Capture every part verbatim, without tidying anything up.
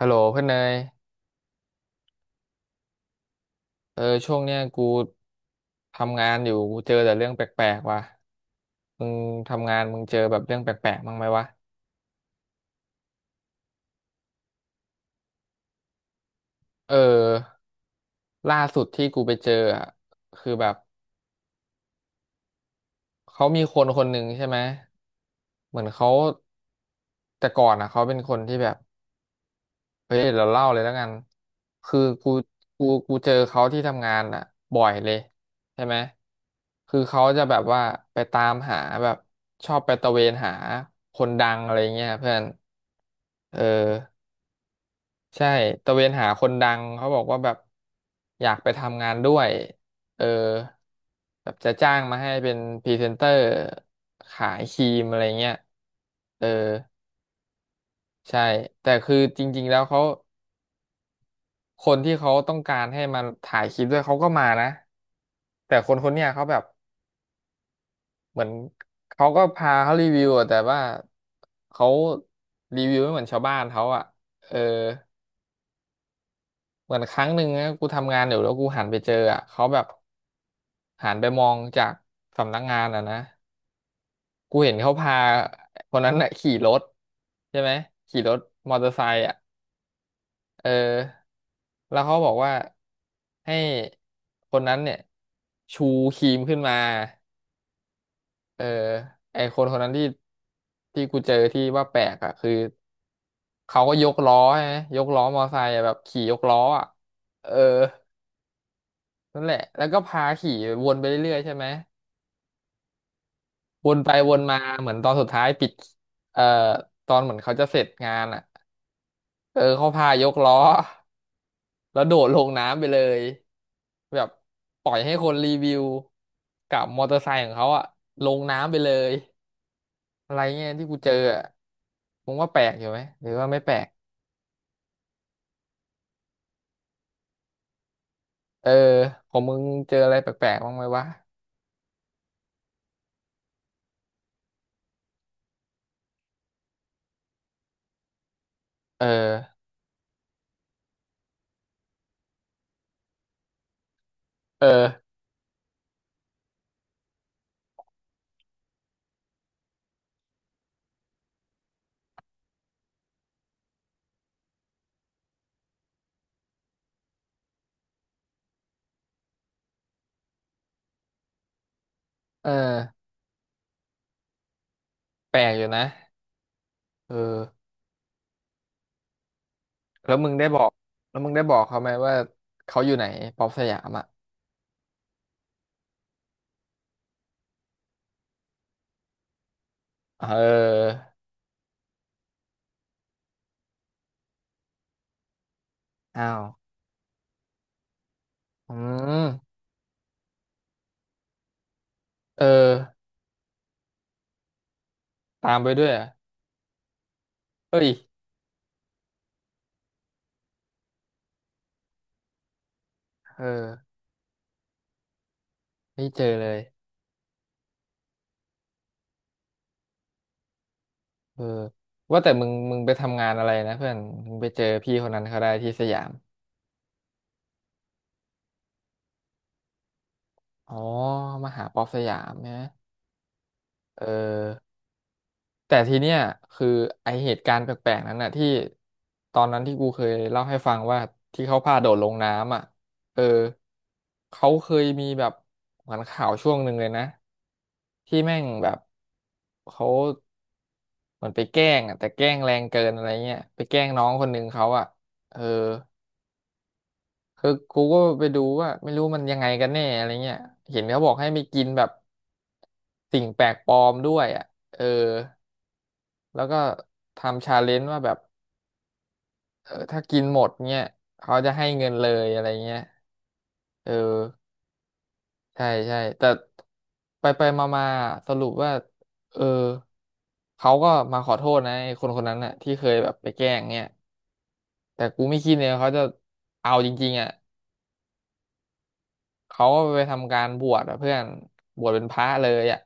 ฮัลโหลเพื่อนเนยเออช่วงเนี้ยกูทำงานอยู่กูเจอแต่เรื่องแปลกๆว่ะมึงทำงานมึงเจอแบบเรื่องแปลกๆบ้างไหมวะเออล่าสุดที่กูไปเจออะคือแบบเขามีคนคนหนึ่งใช่ไหมเหมือนเขาแต่ก่อนอ่ะเขาเป็นคนที่แบบ เฮ้ยเราเล่าเลยแล้วกันคือกูกูกูเจอเขาที่ทำงานอ่ะบ่อยเลยใช่ไหมคือเขาจะแบบว่าไปตามหาแบบชอบไปตะเวนหาคนดังอะไรเงี้ยเพื่อนเออใช่ตะเวนหาคนดังเขาบอกว่าแบบอยากไปทำงานด้วยเออแบบจะจ้างมาให้เป็นพรีเซนเตอร์ขายครีมอะไรเงี้ยเออใช่แต่คือจริงๆแล้วเขา คนที่เขาต้องการให้มาถ่ายคลิปด้วยเขาก็มานะแต่คนคนเนี้ยเขาแบบเหมือนเขาก็พาเขารีวิวอะแต่ว่าเขารีวิวไม่เหมือนชาวบ้านเขาอะเออเหมือนครั้งหนึ่งนะกูทำงานอยู่แล้วกูหันไปเจออะเขาแบบหันไปมองจากสำนักงานอ่ะนะกูเห็นเขาพาคนนั้นน่ะขี่รถใช่ไหมขี่รถมอเตอร์ไซค์อะ เออแล้วเขาบอกว่าให้คนนั้นเนี่ยชูครีมขึ้นมาเออไอคนคนนั้นที่ที่กูเจอที่ว่าแปลกอ่ะคือเขาก็ยกล้อใช่ไหมยกล้อมอไซค์อะแบบขี่ยกล้ออ่ะเออนั่นแหละแล้วก็พาขี่วนไปเรื่อยๆใช่ไหมวนไปวนมาเหมือนตอนสุดท้ายปิดเอ่อตอนเหมือนเขาจะเสร็จงานอ่ะเออเขาพายกล้อ แล้วโดดลงน้ำไปเลยแบบปล่อยให้คนรีวิวกับมอเตอร์ไซค์ของเขาอะลงน้ำไปเลยอะไรเงี้ยที่กูเจออะมึงว่าแปลกอยู่ไหมหรือว่าไม่แปลกเออของมึงเจออะไรแปลกๆบ้างไหมวะเออเออเออแปลกอยู่นะเออแล้วมึงได้บอกแล้วมึงได้บอกเขาไหมว่าเขาอยู่ไหนป๊อปสยามอ่ะเอออ้าวอืมเออตามไปด้วยเหรอ่ะเอ้ยเออไม่เจอเลย เออว่าแต่มึงมึงไปทำงานอะไรนะเพื่อนมึงไปเจอพี่คนนั้นเขาได้ที่สยามอ๋อมหาป๊อปสยามใช่ไหมเออแต่ทีเนี้ยคือไอเหตุการณ์แปลกๆนั้นน่ะที่ตอนนั้นที่กูเคยเล่าให้ฟังว่าที่เขาพาโดดลงน้ำอ่ะเออเขาเคยมีแบบเหมือนข่าวช่วงหนึ่งเลยนะที่แม่งแบบเขาเหมือนไปแกล้งอ่ะแต่แกล้งแรงเกินอะไรเงี้ยไปแกล้งน้องคนหนึ่งเขาอ่ะเออ คือกูก็ไปดูว่าไม่รู้มันยังไงกันแน่อะไรเงี้ยเห็นเขาบอกให้ไปกินแบบสิ่งแปลกปลอมด้วยอ่ะเออแล้วก็ทำชาเลนจ์ว่าแบบเออถ้ากินหมดเงี้ยเขาจะให้เงินเลยอะไรเงี้ยเออใช่ใช่แต่ไปไปมามาๆสรุปว่าเออเขาก็มาขอโทษนะไอ้คนคนนั้นน่ะที่เคยแบบไปแกล้งเงี้ยแต่กูไม่คิดเลยว่าเขาจะเอาจริงๆอ่ะเขาก็ไปทำการบวชอ่ะเพื่อนบวชเป็นพระเลยอ่ะ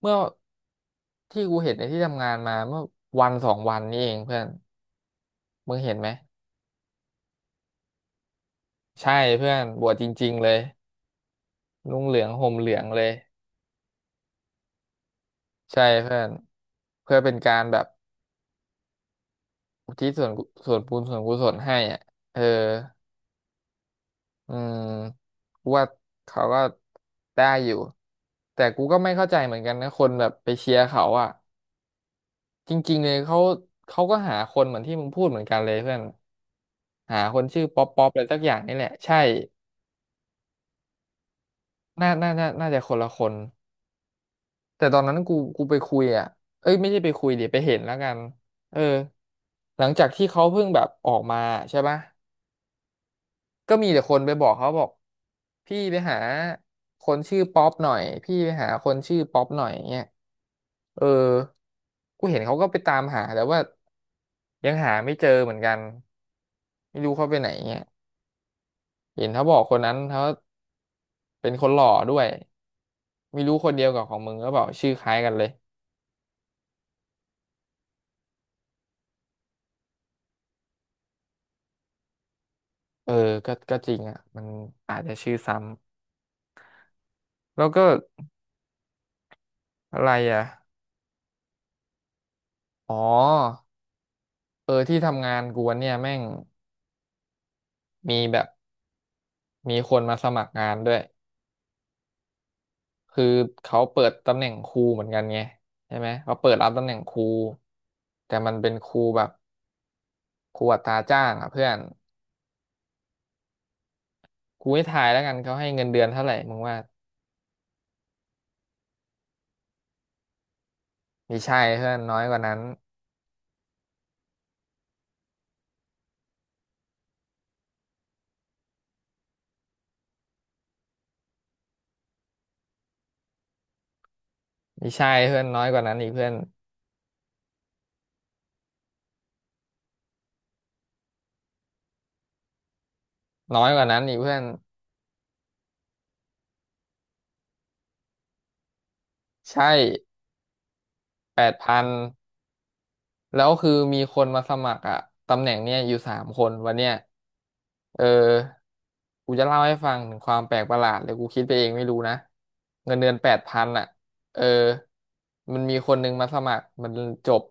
เมื่อที่กูเห็นในที่ทำงานมาเมื่อวันสองวันนี้เองเพื่อนมึงเห็นไหมใช่เพื่อนบวชจริงๆเลยนุ่งเหลืองห่มเหลืองเลยใช่เพื่อนเพื่อเป็นการแบบอุทิศส่วนกุส่วนบุญส่วนกุศลให้อ่ะเอออืมกูว่าเขาก็ได้อยู่แต่กูก็ไม่เข้าใจเหมือนกันนะคนแบบไปเชียร์เขาอ่ะจริงๆเลยเขาเขาก็หาคนเหมือนที่มึงพูดเหมือนกันเลยเพื่อนหาคนชื่อป๊อปป๊อปอะไรสักอย่างนี่แหละใช่ น่าน่าน่าน่าจะคนละคนแต่ตอนนั้นกูกูไปคุยอ่ะเอ้ยไม่ใช่ไปคุยเดิไปเห็นแล้วกันเออหลังจากที่เขาเพิ่งแบบออกมาใช่ปะก็มีแต่คนไปบอกเขาบอกพี่ไปหาคนชื่อป๊อปหน่อยพี่ไปหาคนชื่อป๊อปหน่อยเงี้ยเออกูเห็นเขาก็ไปตามหาแต่ว่ายังหาไม่เจอเหมือนกันไม่รู้เขาไปไหนเงี้ยเห็นเขาบอกคนนั้นเขาเป็นคนหล่อด้วยไม่รู้คนเดียวกับของมึงก็บอกชื่อคล้ายกันเลย เออก็ก็จริงอ่ะมันอาจจะชื่อซ้ำแล้วก็อะไรอ่ะอ๋อเออที่ทำงานกูวันเนี่ยแม่งมีแบบมีคนมาสมัครงานด้วย คือเขาเปิดตำแหน่งครูเหมือนกันไงใช่ไหมเขาเปิดรับตำแหน่งครูแต่มันเป็นครูแบบครูอัตราจ้างอ่ะเพื่อนกูให้ทายแล้วกันเขาให้เงินเดือนเท่าไหร่มึงว่ามีใช่เพื่อนน้อยกว่านั้นมีใช่เพื่อนน้อยกว่านั้นอีกเพื่อนน้อยกว่านั้นอีกเพื่อนใช่แปดพัน แล้วคือมีคนมาสมัครอะตำแหน่งเนี้ยอยู่สามคนวันเนี้ยเออกูจะเล่าให้ฟังถึงความแปลกประหลาดเลยกูคิดไปเองไม่รู้นะ เงินเดือนแปดพันอะเออมันมีคนนึงมาสมัครมันจบ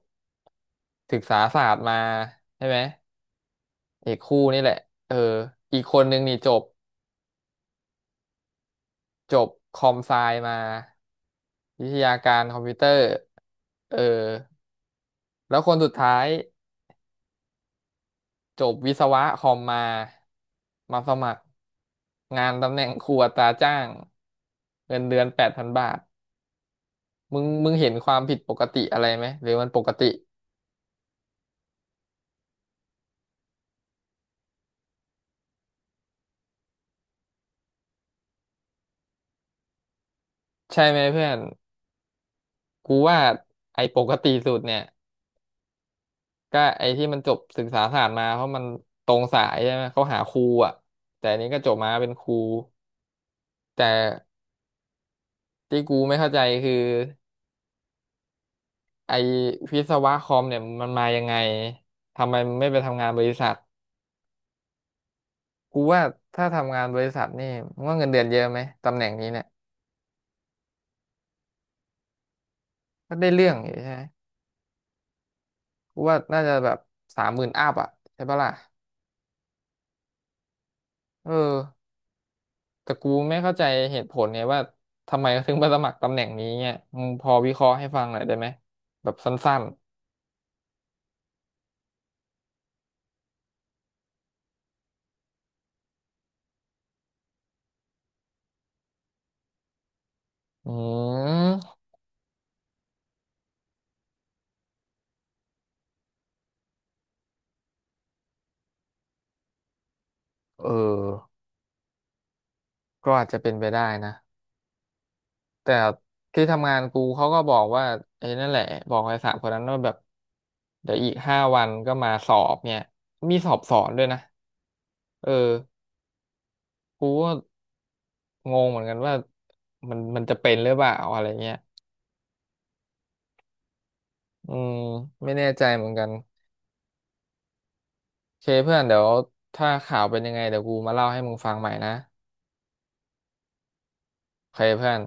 ศึกษาศาสตร์มาใช่ไหมเอกคู่นี่แหละเอออีกคนนึงนี่จบจบคอมไซมาวิทยาการคอมพิวเตอร์เออแล้วคนสุดท้าย จบวิศวะคอมมามาสมัครงานตำแหน่งครอัตราจ้างเงินเดือนแปดพันบาทมึงมึงเห็นความผิดปกติอะไรไหมหรือมันปกติใช่ไหมเพื่อนกูว่าไอ้ปกติสุดเนี่ยก็ไอ้ที่มันจบศึกษาศาสตร์มาเพราะมันตรงสายใช่ไหมเขาหาครูอ่ะแต่อันนี้ก็จบมาเป็นครูแต่ที่กูไม่เข้าใจคือไอ้วิศวะคอมเนี่ยมันมายังไงทำไมมันไม่ไปทำงานบริษัท กูว่าถ้าทำงานบริษัทนี่มึงว่าเงินเดือนเยอะไหมตำแหน่งนี้เนี่ยก็ได้เรื่องอยู่ใช่ไหมกูว่าน่าจะแบบสามหมื่นอัพอ่ะใช่ปะล่ะเออแต่กูไม่เข้าใจเหตุผลเนี่ยว่าทำไมเขาถึงมาสมัครตำแหน่งนี้เนี่ยมึงพอวิเคราะห์ให้ฟังหน่อยได้ไหมแบบสั้นๆอืมเออก็อาจจะเป็นไปได้นะแต่ที่ทำงานกูเขาก็บอกว่าไอ้นั่นแหละบอกไอ้สามคนนั้นว่าแบบเดี๋ยวอีกห้าวันก็มาสอบเนี่ยมีสอบสอนด้วยนะเออ กูก็งงเหมือนกันว่ามันมันจะเป็นหรือเปล่าอะไรเงี้ย อืมไม่แน่ใจเหมือนกันโอเคเพื่อนเดี๋ยวถ้าข่าวเป็นยังไงเดี๋ยวกูมาเล่าให้มึงฟังใหม่นะโอเคเพื่อน